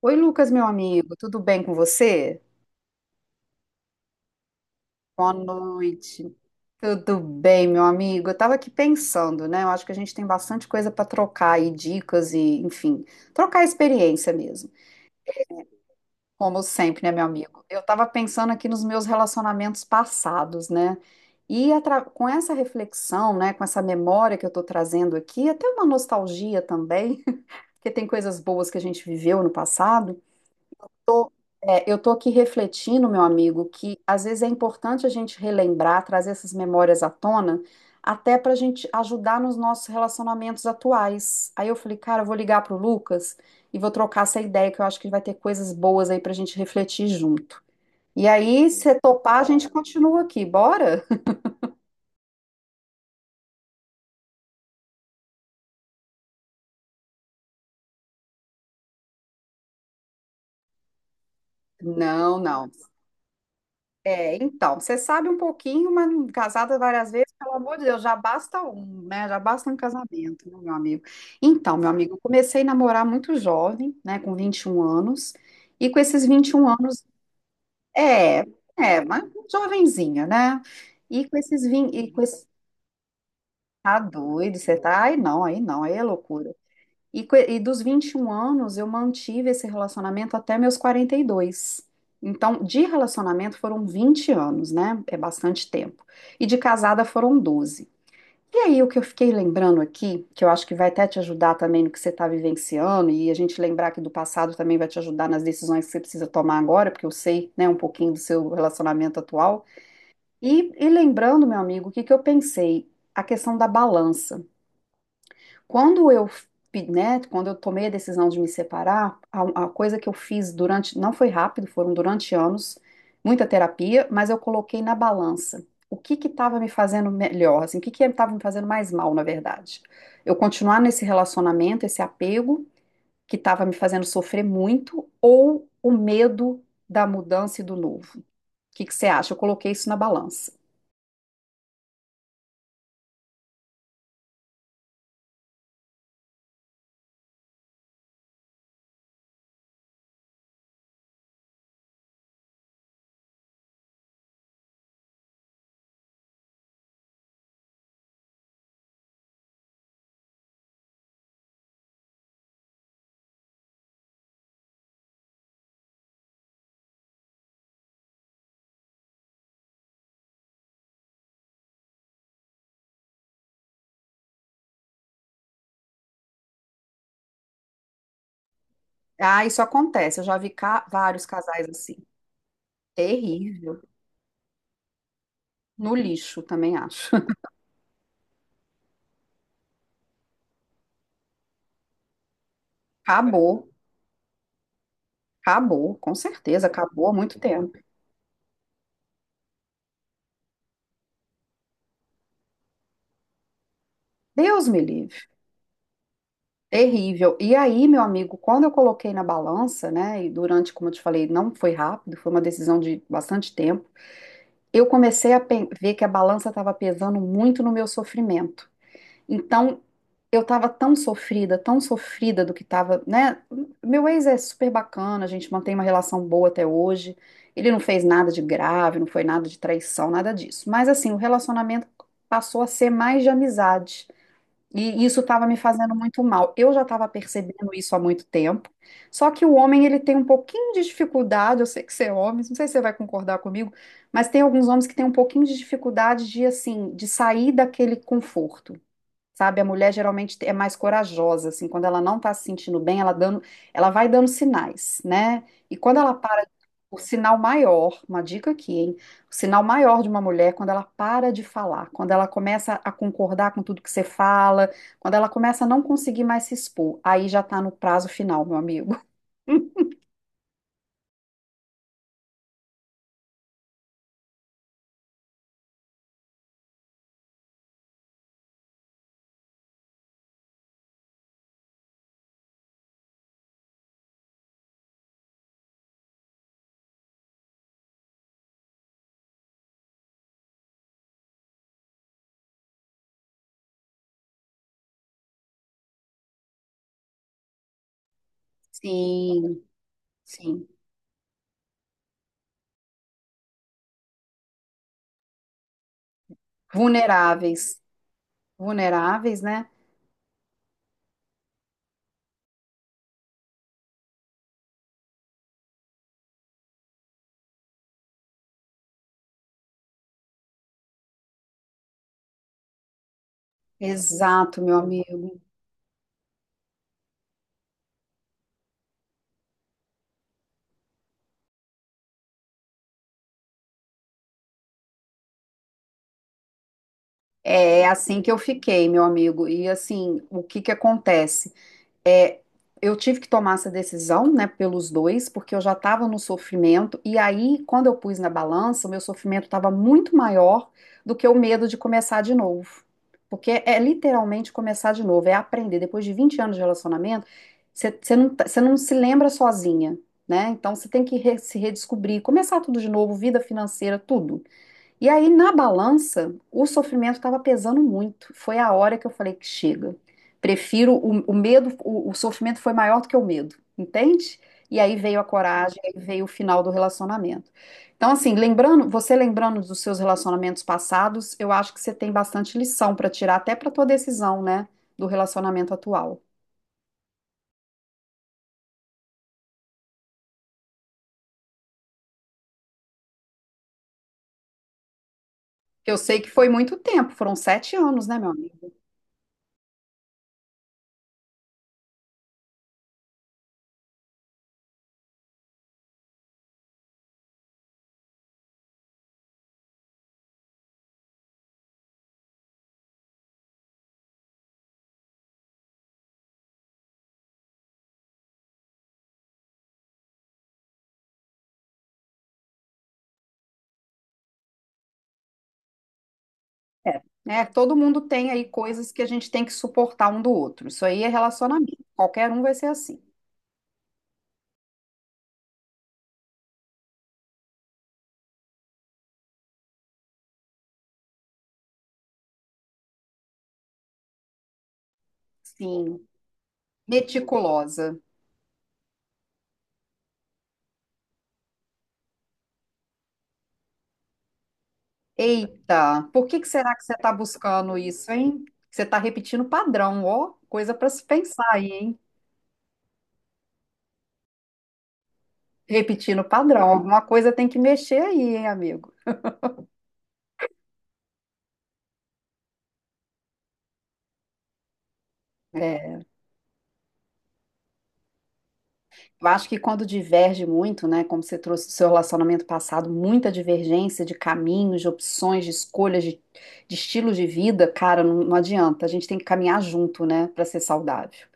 Oi, Lucas, meu amigo, tudo bem com você? Boa noite. Tudo bem, meu amigo? Eu estava aqui pensando, né? Eu acho que a gente tem bastante coisa para trocar aí, dicas e, enfim, trocar experiência mesmo. Como sempre, né, meu amigo? Eu estava pensando aqui nos meus relacionamentos passados, né? E com essa reflexão, né, com essa memória que eu estou trazendo aqui, até uma nostalgia também, porque tem coisas boas que a gente viveu no passado. É, eu estou aqui refletindo, meu amigo, que às vezes é importante a gente relembrar, trazer essas memórias à tona, até para a gente ajudar nos nossos relacionamentos atuais. Aí eu falei, cara, eu vou ligar pro Lucas e vou trocar essa ideia, que eu acho que vai ter coisas boas aí para a gente refletir junto. E aí, se topar, a gente continua aqui, bora? Não, não. É, então, você sabe um pouquinho, mas não- casada várias vezes, pelo amor de Deus, já basta um, né? Já basta um casamento, né, meu amigo? Então, meu amigo, eu comecei a namorar muito jovem, né, com 21 anos, e com esses 21 anos, é, é, mas jovenzinha, né? E com esses 20, e com esse, tá doido, você tá, aí não, aí não, aí é loucura. E dos 21 anos, eu mantive esse relacionamento até meus 42. Então, de relacionamento foram 20 anos, né? É bastante tempo. E de casada foram 12. E aí, o que eu fiquei lembrando aqui, que eu acho que vai até te ajudar também no que você está vivenciando, e a gente lembrar que do passado também vai te ajudar nas decisões que você precisa tomar agora, porque eu sei, né, um pouquinho do seu relacionamento atual. E lembrando, meu amigo, o que que eu pensei? A questão da balança. Quando eu tomei a decisão de me separar, a coisa que eu fiz durante, não foi rápido, foram durante anos, muita terapia, mas eu coloquei na balança. O que que estava me fazendo melhor, assim, o que que estava me fazendo mais mal, na verdade? Eu continuar nesse relacionamento, esse apego que estava me fazendo sofrer muito, ou o medo da mudança e do novo? O que que você acha? Eu coloquei isso na balança. Ah, isso acontece. Eu já vi vários casais assim. Terrível. No lixo, também acho. Acabou, acabou, com certeza, acabou há muito tempo. Deus me livre. Terrível. E aí, meu amigo, quando eu coloquei na balança, né, e durante, como eu te falei, não foi rápido, foi uma decisão de bastante tempo, eu comecei a ver que a balança estava pesando muito no meu sofrimento. Então, eu tava tão sofrida do que tava, né? Meu ex é super bacana, a gente mantém uma relação boa até hoje. Ele não fez nada de grave, não foi nada de traição, nada disso. Mas assim, o relacionamento passou a ser mais de amizade. E isso estava me fazendo muito mal. Eu já estava percebendo isso há muito tempo. Só que o homem, ele tem um pouquinho de dificuldade. Eu sei que você é homem, não sei se você vai concordar comigo, mas tem alguns homens que têm um pouquinho de dificuldade de, assim, de sair daquele conforto. Sabe, a mulher geralmente é mais corajosa, assim, quando ela não tá se sentindo bem, ela dando, ela vai dando sinais, né? E quando ela para, o sinal maior, uma dica aqui, hein? O sinal maior de uma mulher, é quando ela para de falar, quando ela começa a concordar com tudo que você fala, quando ela começa a não conseguir mais se expor, aí já tá no prazo final, meu amigo. Sim, sim. Vulneráveis, vulneráveis, né? Exato, meu amigo. É assim que eu fiquei, meu amigo. E assim, o que que acontece? É, eu tive que tomar essa decisão, né, pelos dois, porque eu já estava no sofrimento. E aí, quando eu pus na balança, o meu sofrimento estava muito maior do que o medo de começar de novo. Porque é literalmente começar de novo, é aprender. Depois de 20 anos de relacionamento, você não se lembra sozinha, né? Então você tem que se redescobrir, começar tudo de novo, vida financeira, tudo. E aí, na balança, o sofrimento estava pesando muito. Foi a hora que eu falei que chega. Prefiro o medo, o sofrimento foi maior do que o medo, entende? E aí veio a coragem, aí veio o final do relacionamento. Então, assim, lembrando, você lembrando dos seus relacionamentos passados, eu acho que você tem bastante lição para tirar, até para tua decisão, né, do relacionamento atual. Eu sei que foi muito tempo, foram 7 anos, né, meu amigo? É, né? Todo mundo tem aí coisas que a gente tem que suportar um do outro. Isso aí é relacionamento. Qualquer um vai ser assim. Sim, meticulosa. Eita, por que que será que você está buscando isso, hein? Você está repetindo padrão, ó, coisa para se pensar aí, hein? Repetindo padrão. Alguma coisa tem que mexer aí, hein, amigo? Eu acho que quando diverge muito, né, como você trouxe do seu relacionamento passado, muita divergência de caminhos, de opções, de escolhas, de estilos de vida, cara, não, não adianta. A gente tem que caminhar junto, né, para ser saudável.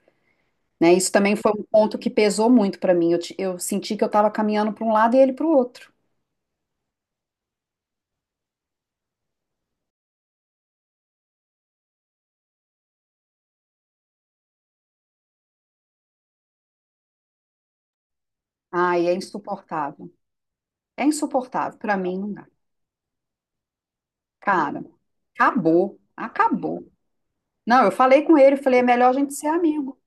Né? Isso também foi um ponto que pesou muito para mim. Eu senti que eu estava caminhando para um lado e ele para o outro. Ai, é insuportável. É insuportável. Para mim, não dá. Cara, acabou. Acabou. Não, eu falei com ele, falei, é melhor a gente ser amigo.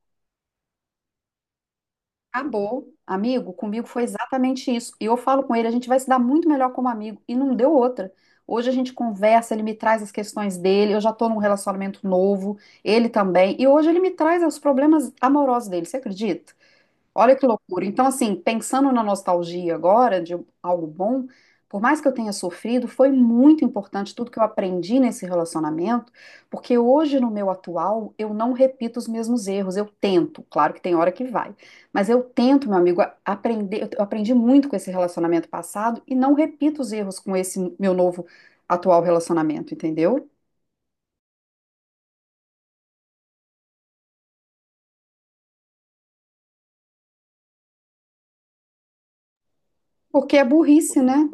Acabou. Amigo, comigo foi exatamente isso. E eu falo com ele, a gente vai se dar muito melhor como amigo. E não deu outra. Hoje a gente conversa, ele me traz as questões dele. Eu já tô num relacionamento novo, ele também. E hoje ele me traz os problemas amorosos dele, você acredita? Olha que loucura. Então, assim, pensando na nostalgia agora, de algo bom, por mais que eu tenha sofrido, foi muito importante tudo que eu aprendi nesse relacionamento, porque hoje, no meu atual, eu não repito os mesmos erros. Eu tento, claro que tem hora que vai, mas eu tento, meu amigo, aprender. Eu aprendi muito com esse relacionamento passado e não repito os erros com esse meu novo atual relacionamento, entendeu? Porque é burrice, né?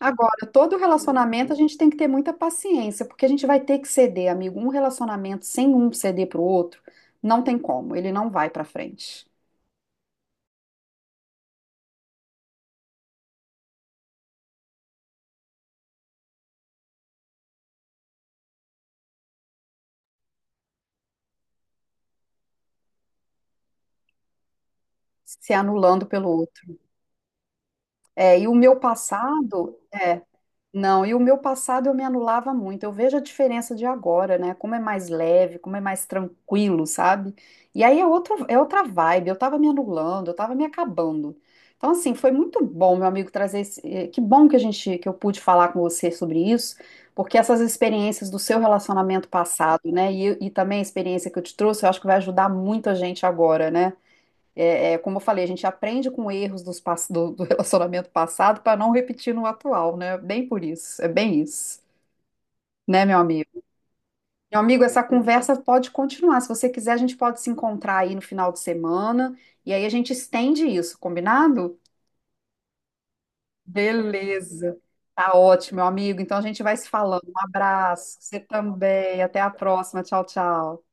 Agora, todo relacionamento a gente tem que ter muita paciência, porque a gente vai ter que ceder, amigo. Um relacionamento sem um ceder pro outro, não tem como, ele não vai pra frente, se anulando pelo outro. É, e o meu passado, é, não, e o meu passado eu me anulava muito. Eu vejo a diferença de agora, né? Como é mais leve, como é mais tranquilo, sabe? E aí é outra vibe. Eu tava me anulando, eu tava me acabando. Então, assim, foi muito bom, meu amigo, trazer esse. Que bom que a gente, que eu pude falar com você sobre isso, porque essas experiências do seu relacionamento passado, né? E também a experiência que eu te trouxe, eu acho que vai ajudar muito a gente agora, né? É, é, como eu falei, a gente aprende com erros do relacionamento passado para não repetir no atual, né? Bem por isso, é bem isso, né, meu amigo? Meu amigo, essa conversa pode continuar. Se você quiser, a gente pode se encontrar aí no final de semana e aí a gente estende isso, combinado? Beleza. Tá ótimo, meu amigo. Então a gente vai se falando. Um abraço. Você também. Até a próxima. Tchau, tchau.